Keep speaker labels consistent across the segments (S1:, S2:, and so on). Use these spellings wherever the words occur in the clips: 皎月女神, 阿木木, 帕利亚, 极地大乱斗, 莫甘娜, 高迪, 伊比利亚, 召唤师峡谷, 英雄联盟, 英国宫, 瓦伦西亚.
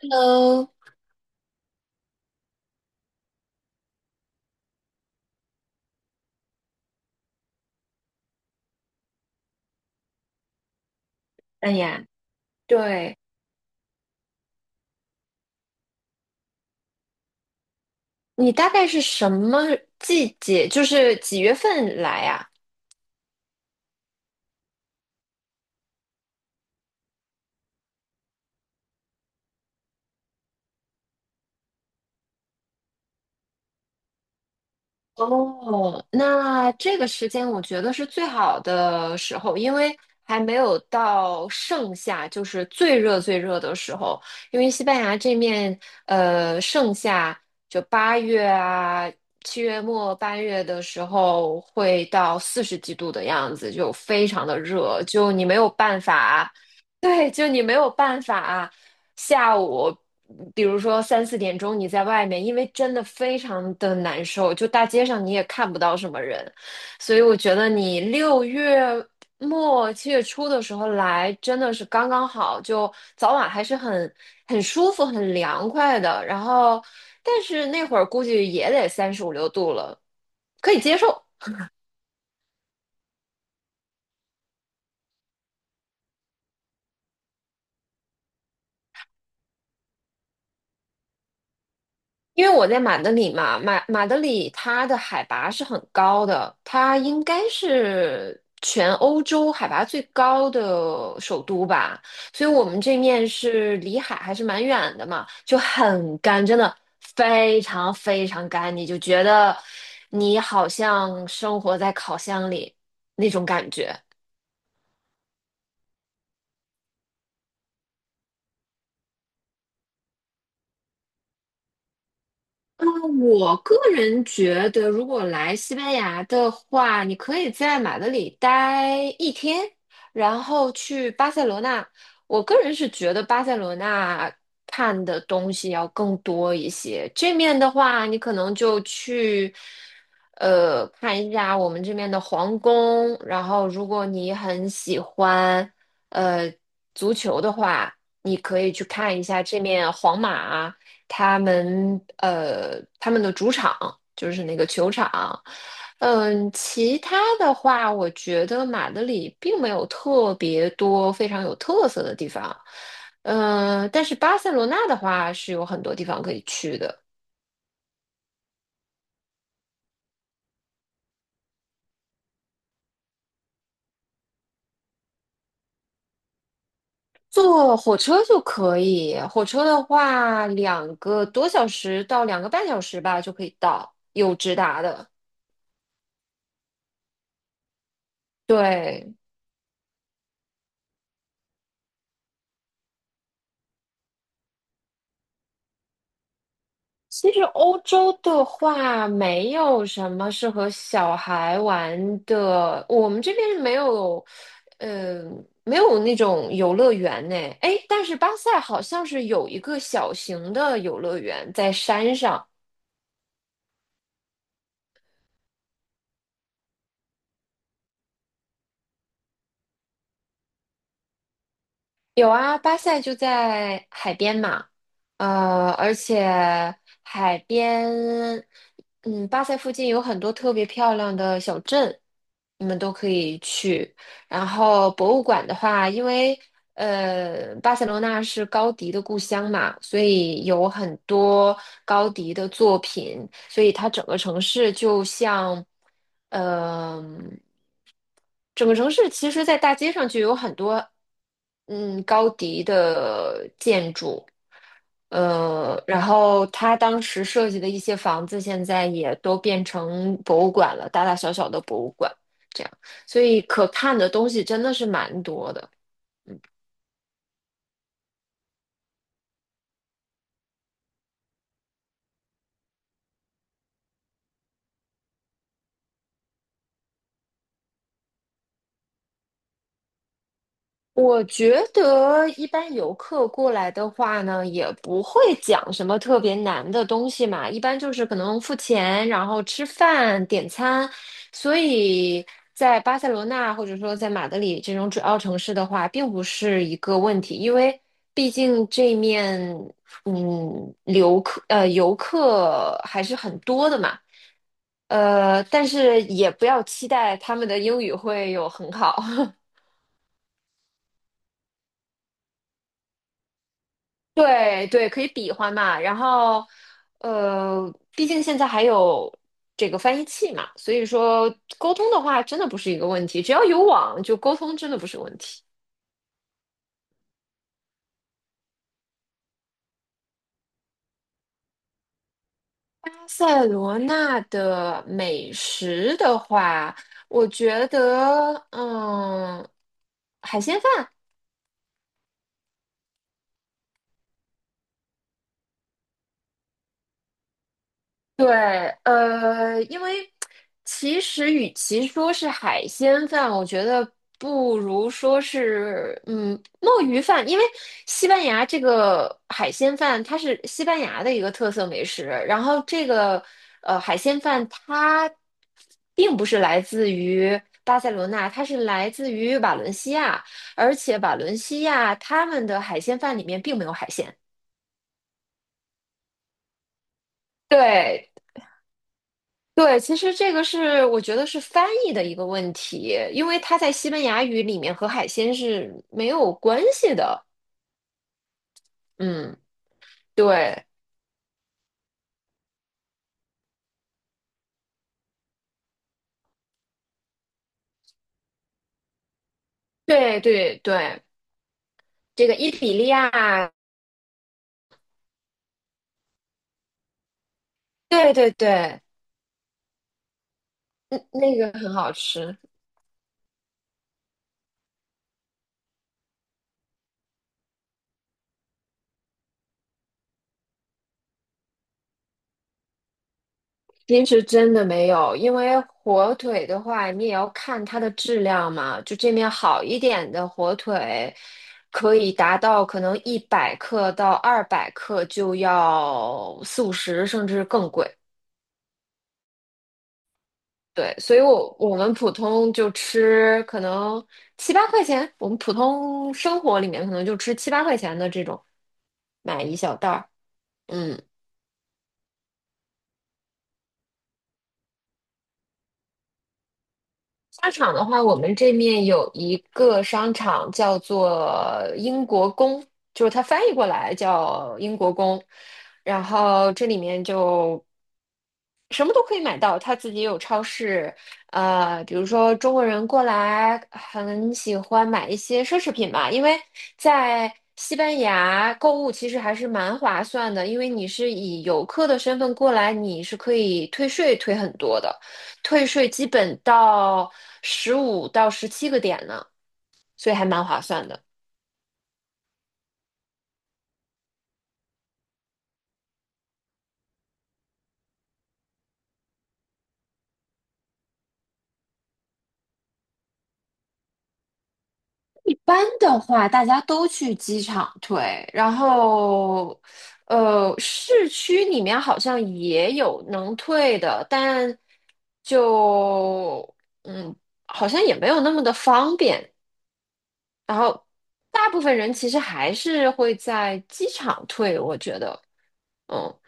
S1: Hello，哎呀，对，你大概是什么季节，就是几月份来呀？哦，那这个时间我觉得是最好的时候，因为还没有到盛夏，就是最热最热的时候。因为西班牙这面，盛夏就八月啊，7月末8月的时候会到40几度的样子，就非常的热，就你没有办法啊，对，就你没有办法。下午，比如说三四点钟你在外面，因为真的非常的难受，就大街上你也看不到什么人，所以我觉得你6月末7月初的时候来真的是刚刚好，就早晚还是很舒服、很凉快的。然后，但是那会儿估计也得35、36度了，可以接受。因为我在马德里嘛，马德里它的海拔是很高的，它应该是全欧洲海拔最高的首都吧，所以我们这面是离海还是蛮远的嘛，就很干，真的非常非常干，你就觉得你好像生活在烤箱里那种感觉。嗯，我个人觉得，如果来西班牙的话，你可以在马德里待一天，然后去巴塞罗那。我个人是觉得巴塞罗那看的东西要更多一些。这面的话，你可能就去，看一下我们这边的皇宫。然后，如果你很喜欢，呃，足球的话，你可以去看一下这面皇马。他们的主场就是那个球场。嗯，其他的话，我觉得马德里并没有特别多非常有特色的地方。嗯，但是巴塞罗那的话是有很多地方可以去的，坐火车就可以。火车的话，2个多小时到2个半小时吧就可以到，有直达的。对，其实欧洲的话，没有什么适合小孩玩的。我们这边没有，呃，没有那种游乐园呢。哎，但是巴塞好像是有一个小型的游乐园在山上，有啊，巴塞就在海边嘛，而且海边，嗯，巴塞附近有很多特别漂亮的小镇，你们都可以去。然后博物馆的话，因为巴塞罗那是高迪的故乡嘛，所以有很多高迪的作品，所以它整个城市就像，嗯、整个城市其实，在大街上就有很多，嗯，高迪的建筑，然后他当时设计的一些房子，现在也都变成博物馆了，大大小小的博物馆，这样，所以可看的东西真的是蛮多的。我觉得一般游客过来的话呢，也不会讲什么特别难的东西嘛，一般就是可能付钱，然后吃饭、点餐。所以在巴塞罗那或者说在马德里这种主要城市的话，并不是一个问题，因为毕竟这面游客还是很多的嘛，但是也不要期待他们的英语会有很好。对对，可以比划嘛。然后，毕竟现在还有这个翻译器嘛，所以说沟通的话，真的不是一个问题。只要有网，就沟通真的不是问题。巴塞罗那的美食的话，我觉得，海鲜饭对，因为其实与其说是海鲜饭，我觉得不如说是墨鱼饭，因为西班牙这个海鲜饭它是西班牙的一个特色美食，然后这个海鲜饭它并不是来自于巴塞罗那，它是来自于瓦伦西亚，而且瓦伦西亚他们的海鲜饭里面并没有海鲜。对对，其实这个是我觉得是翻译的一个问题，因为它在西班牙语里面和海鲜是没有关系的。嗯，对，对对对，这个伊比利亚，对对对，嗯，那个很好吃。其实真的没有，因为火腿的话，你也要看它的质量嘛。就这面好一点的火腿，可以达到可能100克到200克就要四五十，甚至更贵。对，所以我我们普通就吃可能七八块钱，我们普通生活里面可能就吃七八块钱的这种，买一小袋儿。嗯，商场的话，我们这面有一个商场叫做英国宫，就是它翻译过来叫英国宫，然后这里面就什么都可以买到，他自己有超市，比如说中国人过来很喜欢买一些奢侈品吧，因为在西班牙购物其实还是蛮划算的，因为你是以游客的身份过来，你是可以退税退很多的，退税基本到15到17个点呢，所以还蛮划算的。班的话，大家都去机场退，然后，市区里面好像也有能退的，但就嗯，好像也没有那么的方便。然后，大部分人其实还是会在机场退，我觉得，嗯。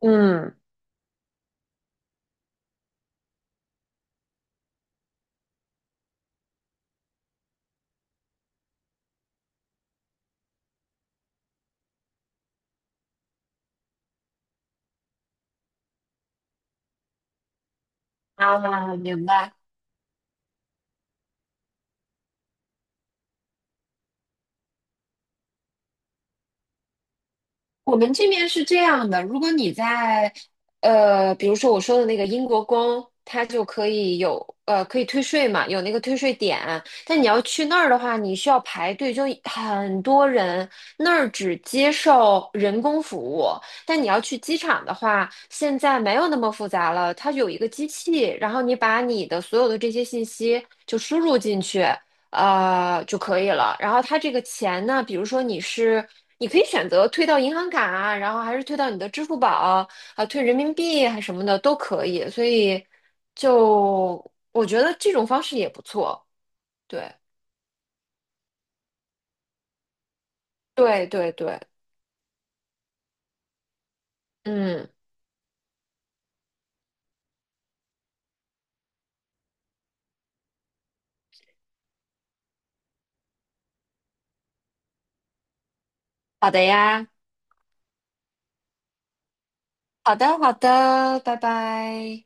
S1: 嗯，啊，明白。我们这边是这样的，如果你在比如说我说的那个英国宫，它就可以可以退税嘛，有那个退税点。但你要去那儿的话，你需要排队，就很多人。那儿只接受人工服务，但你要去机场的话，现在没有那么复杂了，它有一个机器，然后你把你的所有的这些信息就输入进去，就可以了。然后它这个钱呢，比如说你是，你可以选择退到银行卡啊，然后还是退到你的支付宝啊，退人民币还什么的都可以。所以就我觉得这种方式也不错。对，对，对，对，嗯，好的呀，好的，好的，拜拜。